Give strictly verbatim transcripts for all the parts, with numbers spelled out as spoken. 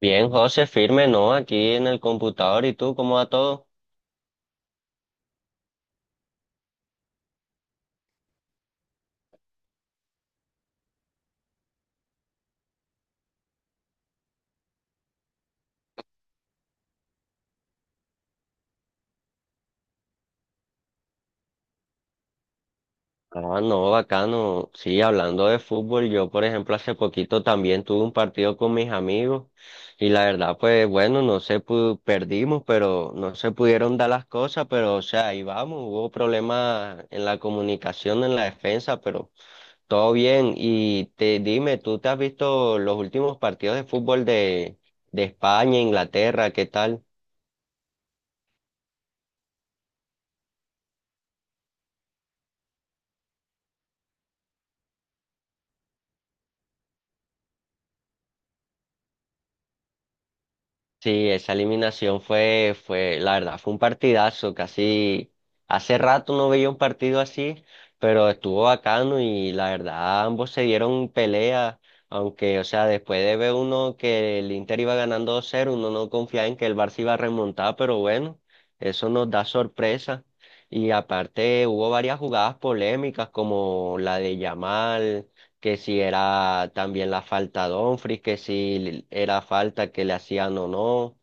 Bien, José, firme, ¿no? Aquí en el computador, ¿y tú cómo va todo? Ah, no, bacano. Sí, hablando de fútbol, yo, por ejemplo, hace poquito también tuve un partido con mis amigos y la verdad, pues bueno, no se pu- perdimos, pero no se pudieron dar las cosas, pero o sea, ahí vamos, hubo problemas en la comunicación, en la defensa, pero todo bien. Y te dime, ¿tú te has visto los últimos partidos de fútbol de, de España, Inglaterra, qué tal? Sí, esa eliminación fue, fue, la verdad, fue un partidazo, casi hace rato no veía un partido así, pero estuvo bacano y la verdad ambos se dieron pelea, aunque, o sea, después de ver uno que el Inter iba ganando dos cero uno no confiaba en que el Barça iba a remontar, pero bueno, eso nos da sorpresa. Y aparte hubo varias jugadas polémicas como la de Yamal que si era también la falta de Dumfries, que si le- era falta que le hacían o no.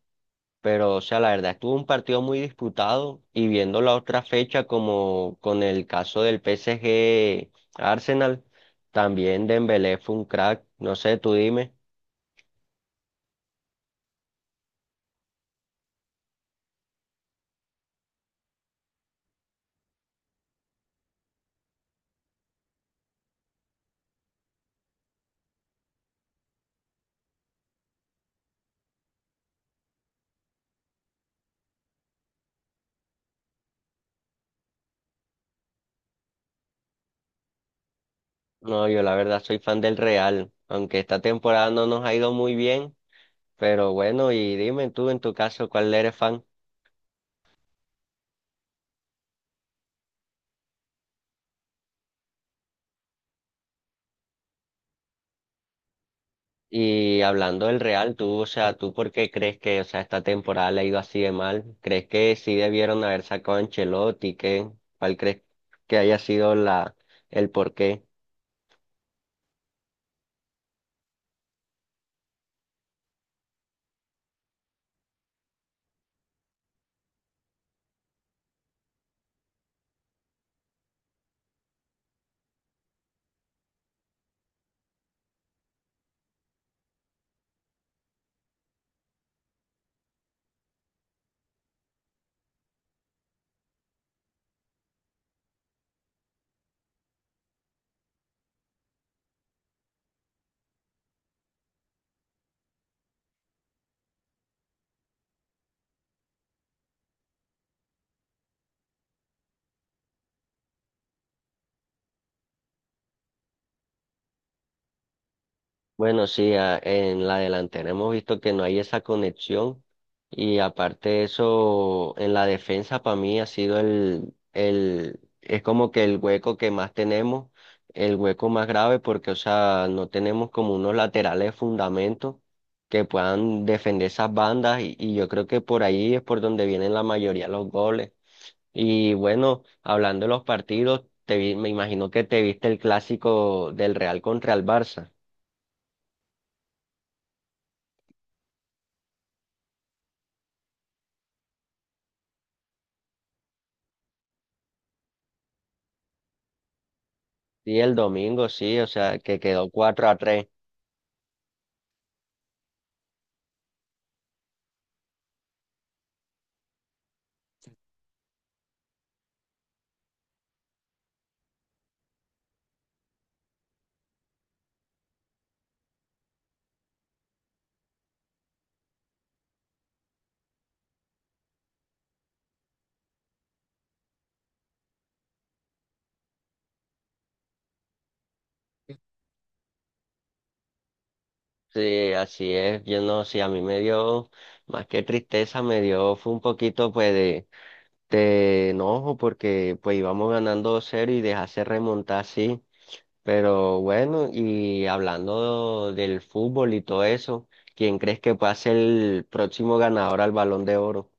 Pero, o sea, la verdad, estuvo un partido muy disputado y viendo la otra fecha como con el caso del P S G Arsenal, también Dembélé fue un crack, no sé, tú dime. No, yo la verdad soy fan del Real, aunque esta temporada no nos ha ido muy bien, pero bueno, y dime tú en tu caso, ¿cuál eres fan? Y hablando del Real, tú, o sea, ¿tú por qué crees que, o sea, esta temporada le ha ido así de mal? ¿Crees que sí debieron haber sacado a Ancelotti? ¿Qué? ¿Cuál crees que haya sido la, el porqué? Bueno, sí, a- en la delantera hemos visto que no hay esa conexión y aparte de eso, en la defensa para mí ha sido el, el, es como que el hueco que más tenemos, el hueco más grave porque, o sea, no tenemos como unos laterales de fundamento que puedan defender esas bandas y, y yo creo que por ahí es por donde vienen la mayoría de los goles. Y bueno, hablando de los partidos, te vi- me imagino que te viste el clásico del Real contra el Barça. Sí, el domingo, sí, o sea, que quedó cuatro a tres. Sí, así es. Yo no, sí, a mí me dio, más que tristeza, me dio, fue un poquito, pues, de, de enojo, porque, pues, íbamos ganando dos cero y dejarse remontar, sí. Pero bueno, y hablando del fútbol y todo eso, ¿quién crees que pueda ser el próximo ganador al Balón de Oro?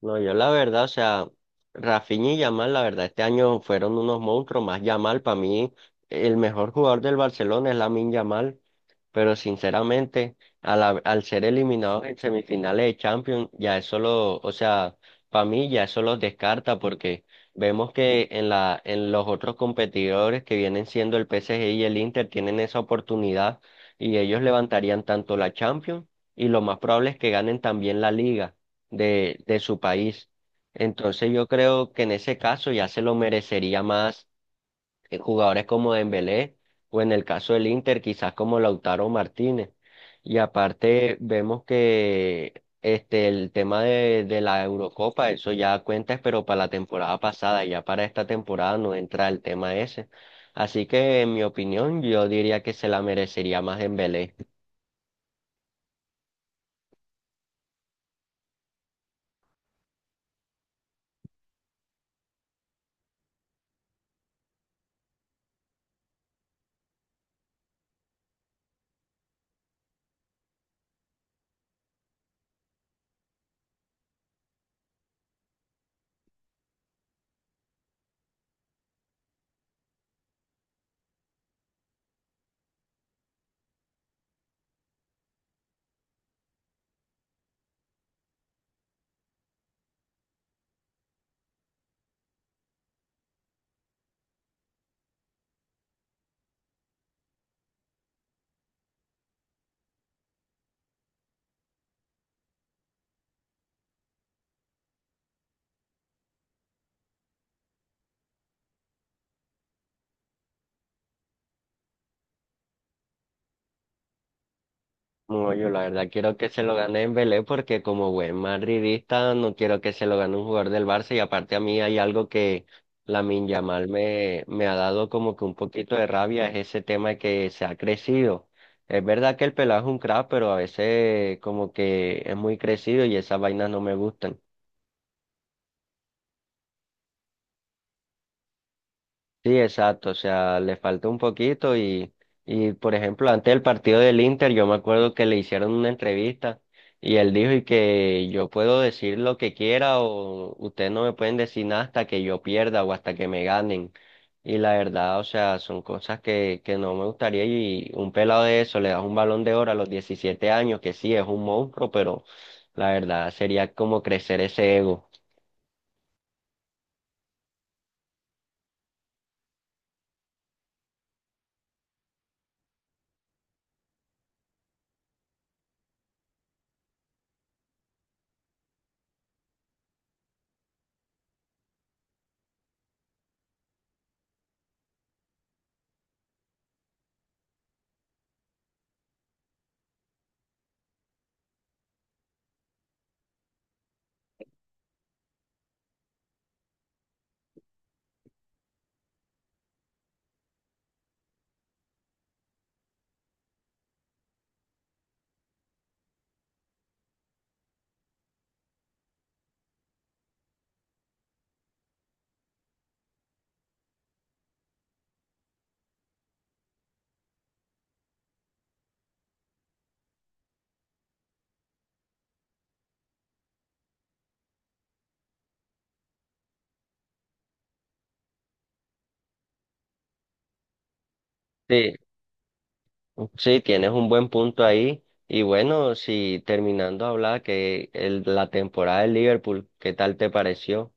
No, yo la verdad, o sea, Rafinha y Yamal, la verdad, este año fueron unos monstruos, más Yamal; para mí el mejor jugador del Barcelona es Lamine Yamal, pero sinceramente, a la- al ser eliminados en semifinales de Champions, ya eso lo, o sea, para mí ya eso los descarta, porque vemos que en la, en los otros competidores que vienen siendo el P S G y el Inter tienen esa oportunidad, y ellos levantarían tanto la Champions y lo más probable es que ganen también la Liga de, de su país. Entonces yo creo que en ese caso ya se lo merecería más eh, jugadores como Dembélé, o en el caso del Inter quizás como Lautaro Martínez. Y aparte vemos que este, el tema de, de la Eurocopa, eso ya cuenta, pero para la temporada pasada; ya para esta temporada no entra el tema ese. Así que en mi opinión yo diría que se la merecería más Dembélé. No, yo la verdad quiero que se lo gane Dembélé porque como buen madridista no quiero que se lo gane un jugador del Barça, y aparte a mí hay algo que Lamine Yamal me, me ha dado como que un poquito de rabia, es ese tema de que se ha crecido. Es verdad que el pelado es un crack, pero a veces como que es muy crecido y esas vainas no me gustan. Sí, exacto, o sea, le falta un poquito y, y, por ejemplo, antes del partido del Inter, yo me acuerdo que le hicieron una entrevista y él dijo y que yo puedo decir lo que quiera o ustedes no me pueden decir nada hasta que yo pierda o hasta que me ganen. Y la verdad, o sea, son cosas que, que no me gustaría, y un pelado de eso le das un balón de oro a los diecisiete años, que sí, es un monstruo, pero la verdad sería como crecer ese ego. Sí, sí, tienes un buen punto ahí. Y bueno, si terminando de hablar que el, la temporada del Liverpool, ¿qué tal te pareció?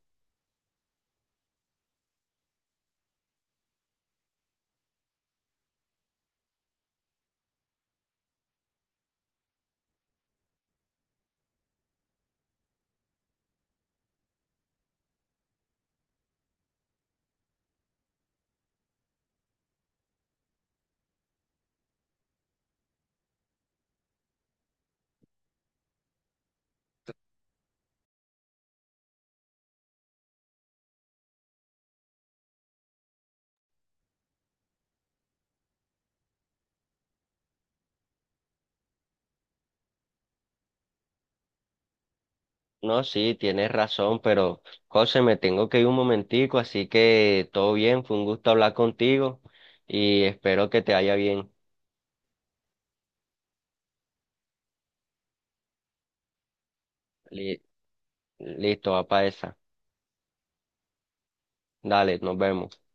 No, sí, tienes razón, pero José, me tengo que ir un momentico, así que todo bien, fue un gusto hablar contigo y espero que te vaya bien. Li- Listo, va para esa. Dale, nos vemos.